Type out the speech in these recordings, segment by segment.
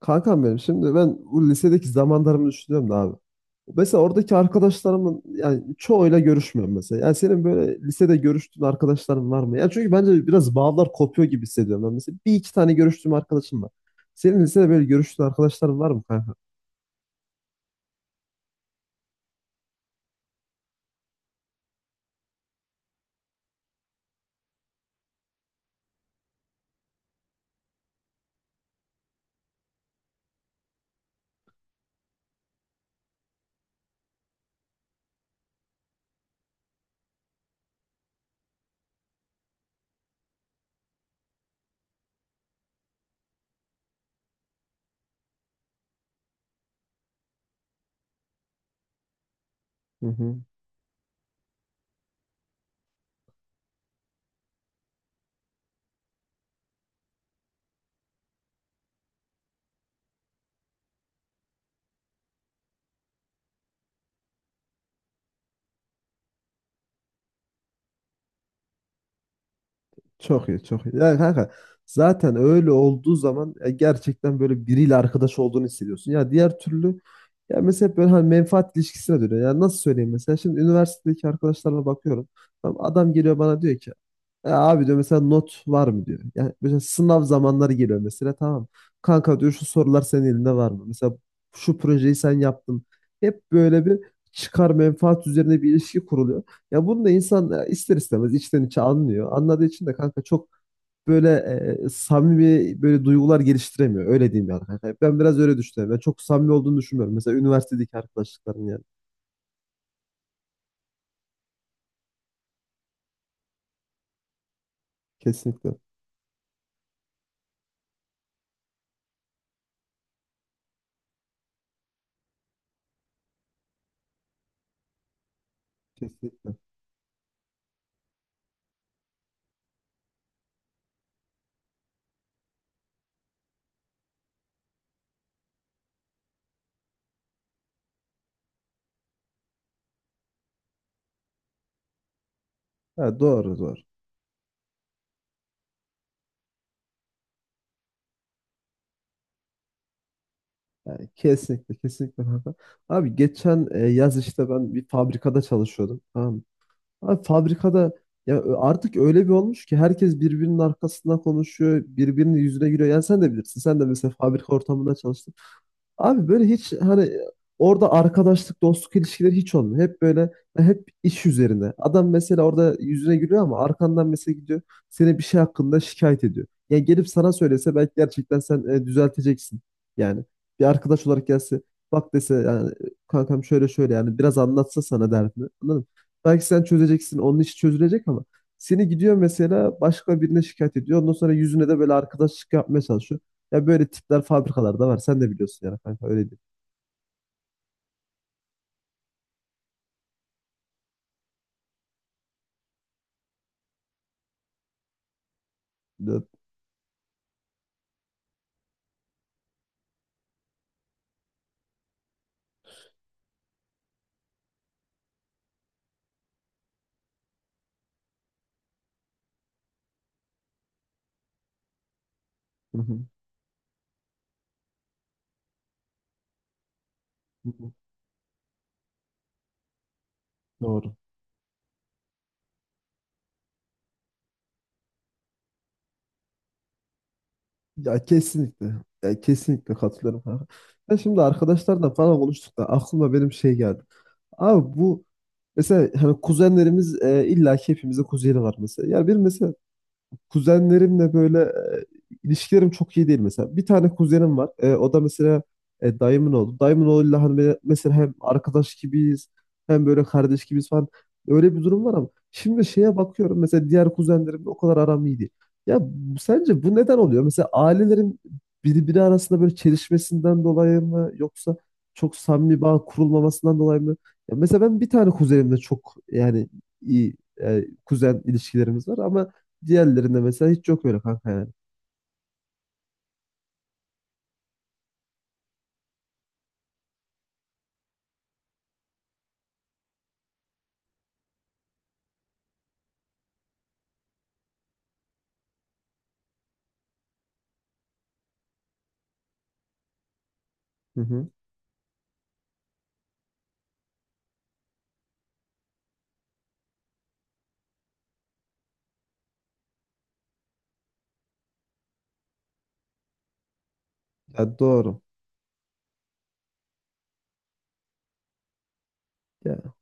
Kankam benim şimdi bu lisedeki zamanlarımı düşünüyorum da abi. Mesela oradaki arkadaşlarımın yani çoğuyla görüşmüyorum mesela. Yani senin böyle lisede görüştüğün arkadaşların var mı? Yani çünkü bence biraz bağlar kopuyor gibi hissediyorum ben mesela. Bir iki tane görüştüğüm arkadaşım var. Senin lisede böyle görüştüğün arkadaşların var mı kanka? Hı hı. Çok iyi, çok iyi. Yani kanka zaten öyle olduğu zaman gerçekten böyle biriyle arkadaş olduğunu hissediyorsun. Ya diğer türlü, ya mesela hep böyle hani menfaat ilişkisine dönüyor. Yani nasıl söyleyeyim, mesela şimdi üniversitedeki arkadaşlarla bakıyorum. Tamam, adam geliyor bana diyor ki "E abi, diyor, mesela not var mı diyor." Yani mesela sınav zamanları geliyor mesela, tamam. "Kanka, diyor, şu sorular senin elinde var mı?" Mesela şu projeyi sen yaptın. Hep böyle bir çıkar menfaat üzerine bir ilişki kuruluyor. Ya bunu da insan ister istemez içten içe anlıyor. Anladığı için de kanka çok böyle samimi böyle duygular geliştiremiyor. Öyle diyeyim yani kanka. Ben biraz öyle düşünüyorum. Ben çok samimi olduğunu düşünmüyorum. Mesela üniversitedeki arkadaşlıklarım yani. Kesinlikle. Kesinlikle. Ha, doğru doğru. Yani kesinlikle kesinlikle kanka. Abi geçen yaz işte ben bir fabrikada çalışıyordum. Tamam mı? Abi fabrikada ya artık öyle bir olmuş ki herkes birbirinin arkasından konuşuyor, birbirinin yüzüne gülüyor. Yani sen de bilirsin. Sen de mesela fabrika ortamında çalıştın. Abi böyle hiç hani orada arkadaşlık, dostluk ilişkileri hiç olmuyor. Hep böyle, hep iş üzerine. Adam mesela orada yüzüne gülüyor ama arkandan mesela gidiyor, seni bir şey hakkında şikayet ediyor. Ya gelip sana söylese belki gerçekten sen düzelteceksin. Yani bir arkadaş olarak gelse, bak dese yani, kankam şöyle şöyle yani biraz anlatsa sana derdini. Anladın mı? Belki sen çözeceksin, onun işi çözülecek ama seni gidiyor mesela başka birine şikayet ediyor. Ondan sonra yüzüne de böyle arkadaşlık yapmaya çalışıyor. Ya böyle tipler fabrikalarda var. Sen de biliyorsun yani kanka, öyle değil. Hı hı. Hı hı. Doğru. Ya kesinlikle. Ya kesinlikle katılıyorum kanka. Ben şimdi arkadaşlarla falan konuştuk da aklıma benim şey geldi. Abi bu mesela hani kuzenlerimiz, illa ki hepimizin kuzeni var mesela. Ya bir mesela kuzenlerimle böyle ilişkilerim çok iyi değil mesela. Bir tane kuzenim var. E, o da mesela dayımın oğlu. Dayımın oğluyla hani böyle mesela hem arkadaş gibiyiz, hem böyle kardeş gibiyiz falan. Öyle bir durum var ama şimdi şeye bakıyorum, mesela diğer kuzenlerimle o kadar aram iyi değil. Ya sence bu neden oluyor? Mesela ailelerin birbiri arasında böyle çelişmesinden dolayı mı, yoksa çok samimi bağ kurulmamasından dolayı mı? Ya mesela ben bir tane kuzenimle çok yani iyi kuzen ilişkilerimiz var ama diğerlerinde mesela hiç yok öyle kanka yani. Hı hı. Ya doğru. Ya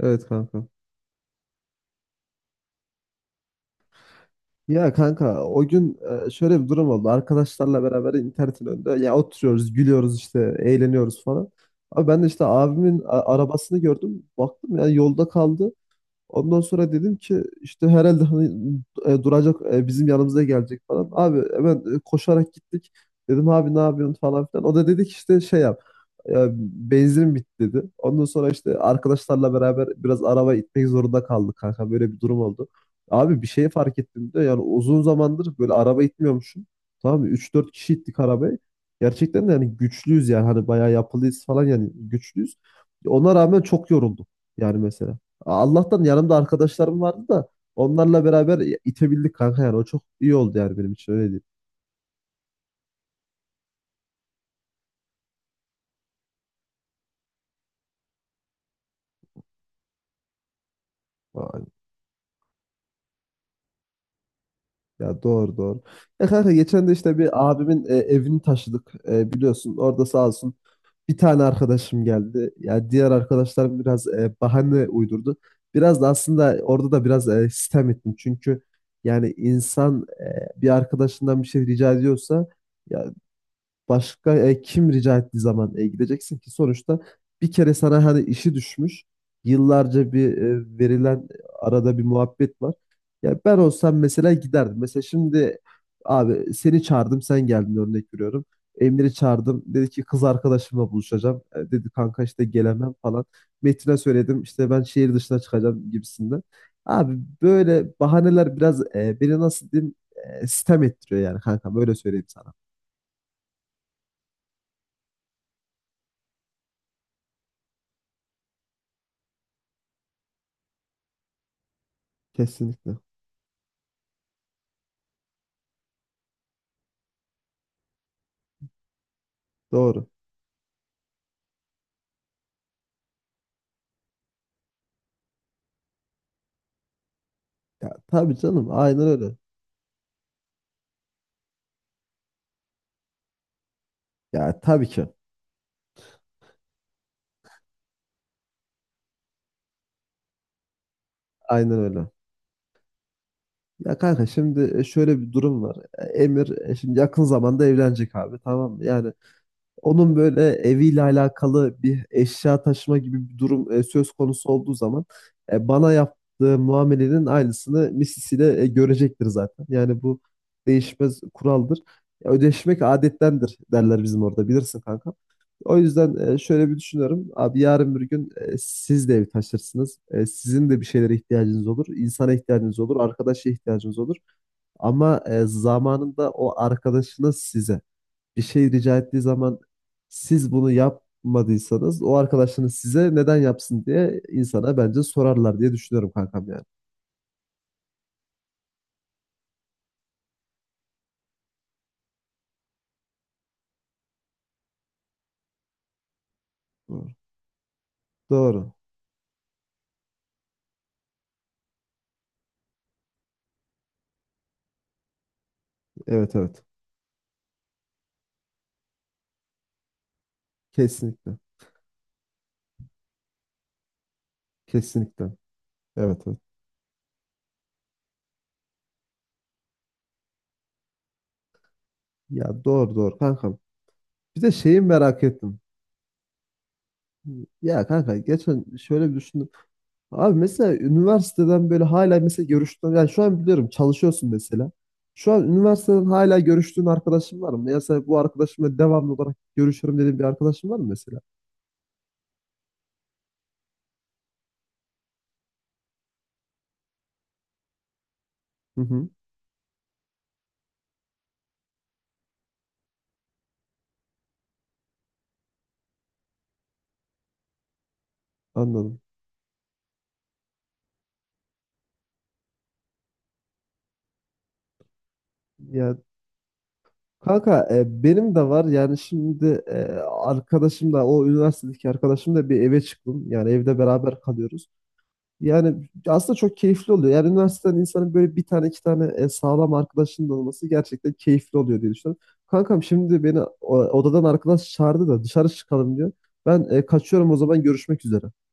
evet kanka. Ya kanka o gün şöyle bir durum oldu. Arkadaşlarla beraber internetin önünde ya oturuyoruz, gülüyoruz işte, eğleniyoruz falan. Abi ben de işte abimin arabasını gördüm. Baktım ya yolda kaldı. Ondan sonra dedim ki işte herhalde hani duracak, bizim yanımıza gelecek falan. Abi hemen koşarak gittik. Dedim abi ne yapıyorsun falan filan. O da dedi ki işte şey yap. e, Benzin bitti dedi. Ondan sonra işte arkadaşlarla beraber biraz araba itmek zorunda kaldık kanka. Böyle bir durum oldu. Abi bir şey fark ettim de, yani uzun zamandır böyle araba itmiyormuşum. Tamam mı? 3-4 kişi ittik arabayı. Gerçekten de yani güçlüyüz, yani hani bayağı yapılıyız falan, yani güçlüyüz. Ona rağmen çok yoruldum yani mesela. Allah'tan yanımda arkadaşlarım vardı da onlarla beraber itebildik kanka. Yani o çok iyi oldu yani benim için, öyle değil. Vay. Ya doğru doğru. Ya kanka geçen de işte bir abimin evini taşıdık. E, biliyorsun orada sağ olsun bir tane arkadaşım geldi. Ya diğer arkadaşlarım biraz bahane uydurdu. Biraz da aslında orada da biraz sistem ettim çünkü yani insan bir arkadaşından bir şey rica ediyorsa, ya başka kim rica ettiği zaman gideceksin ki sonuçta bir kere sana hani işi düşmüş. Yıllarca bir verilen arada bir muhabbet var. Ya ben olsam mesela giderdim. Mesela şimdi abi seni çağırdım sen geldin, örnek veriyorum. Emre'yi çağırdım. Dedi ki kız arkadaşımla buluşacağım. E, dedi kanka işte gelemem falan. Metin'e söyledim işte ben şehir dışına çıkacağım gibisinden. Abi böyle bahaneler biraz beni nasıl diyeyim sitem ettiriyor yani kanka, böyle söyleyeyim sana. Kesinlikle. Doğru. Ya tabii canım, aynen öyle. Ya tabii ki aynen öyle. Ya kanka şimdi şöyle bir durum var. E, Emir şimdi yakın zamanda evlenecek abi, tamam mı? Yani onun böyle eviyle alakalı bir eşya taşıma gibi bir durum söz konusu olduğu zaman bana yaptığı muamelenin aynısını misisiyle görecektir zaten. Yani bu değişmez kuraldır. Ya, ödeşmek adettendir derler bizim orada, bilirsin kanka. O yüzden şöyle bir düşünüyorum. Abi yarın bir gün siz de ev taşırsınız. E, sizin de bir şeylere ihtiyacınız olur. İnsana ihtiyacınız olur. Arkadaşa ihtiyacınız olur. Ama zamanında o arkadaşınız size bir şey rica ettiği zaman, siz bunu yapmadıysanız o arkadaşınız size neden yapsın diye insana bence sorarlar diye düşünüyorum kankam yani. Doğru. Doğru. Evet evet. Kesinlikle. Kesinlikle. Evet evet. Ya doğru doğru kankam. Bir de şeyi merak ettim. Ya kanka geçen şöyle bir düşündüm. Abi mesela üniversiteden böyle hala mesela görüştüğün, yani şu an biliyorum çalışıyorsun mesela. Şu an üniversiteden hala görüştüğün arkadaşın var mı? Mesela bu arkadaşımla devamlı olarak görüşürüm dediğin bir arkadaşın var mı mesela? Hı hı, anladım. Ya kanka benim de var yani şimdi arkadaşım da, o üniversitedeki arkadaşım da, bir eve çıktım. Yani evde beraber kalıyoruz. Yani aslında çok keyifli oluyor. Yani üniversiteden insanın böyle bir tane iki tane sağlam arkadaşının olması gerçekten keyifli oluyor diye düşünüyorum. Kankam şimdi beni odadan arkadaş çağırdı da dışarı çıkalım diyor. Ben kaçıyorum o zaman, görüşmek üzere.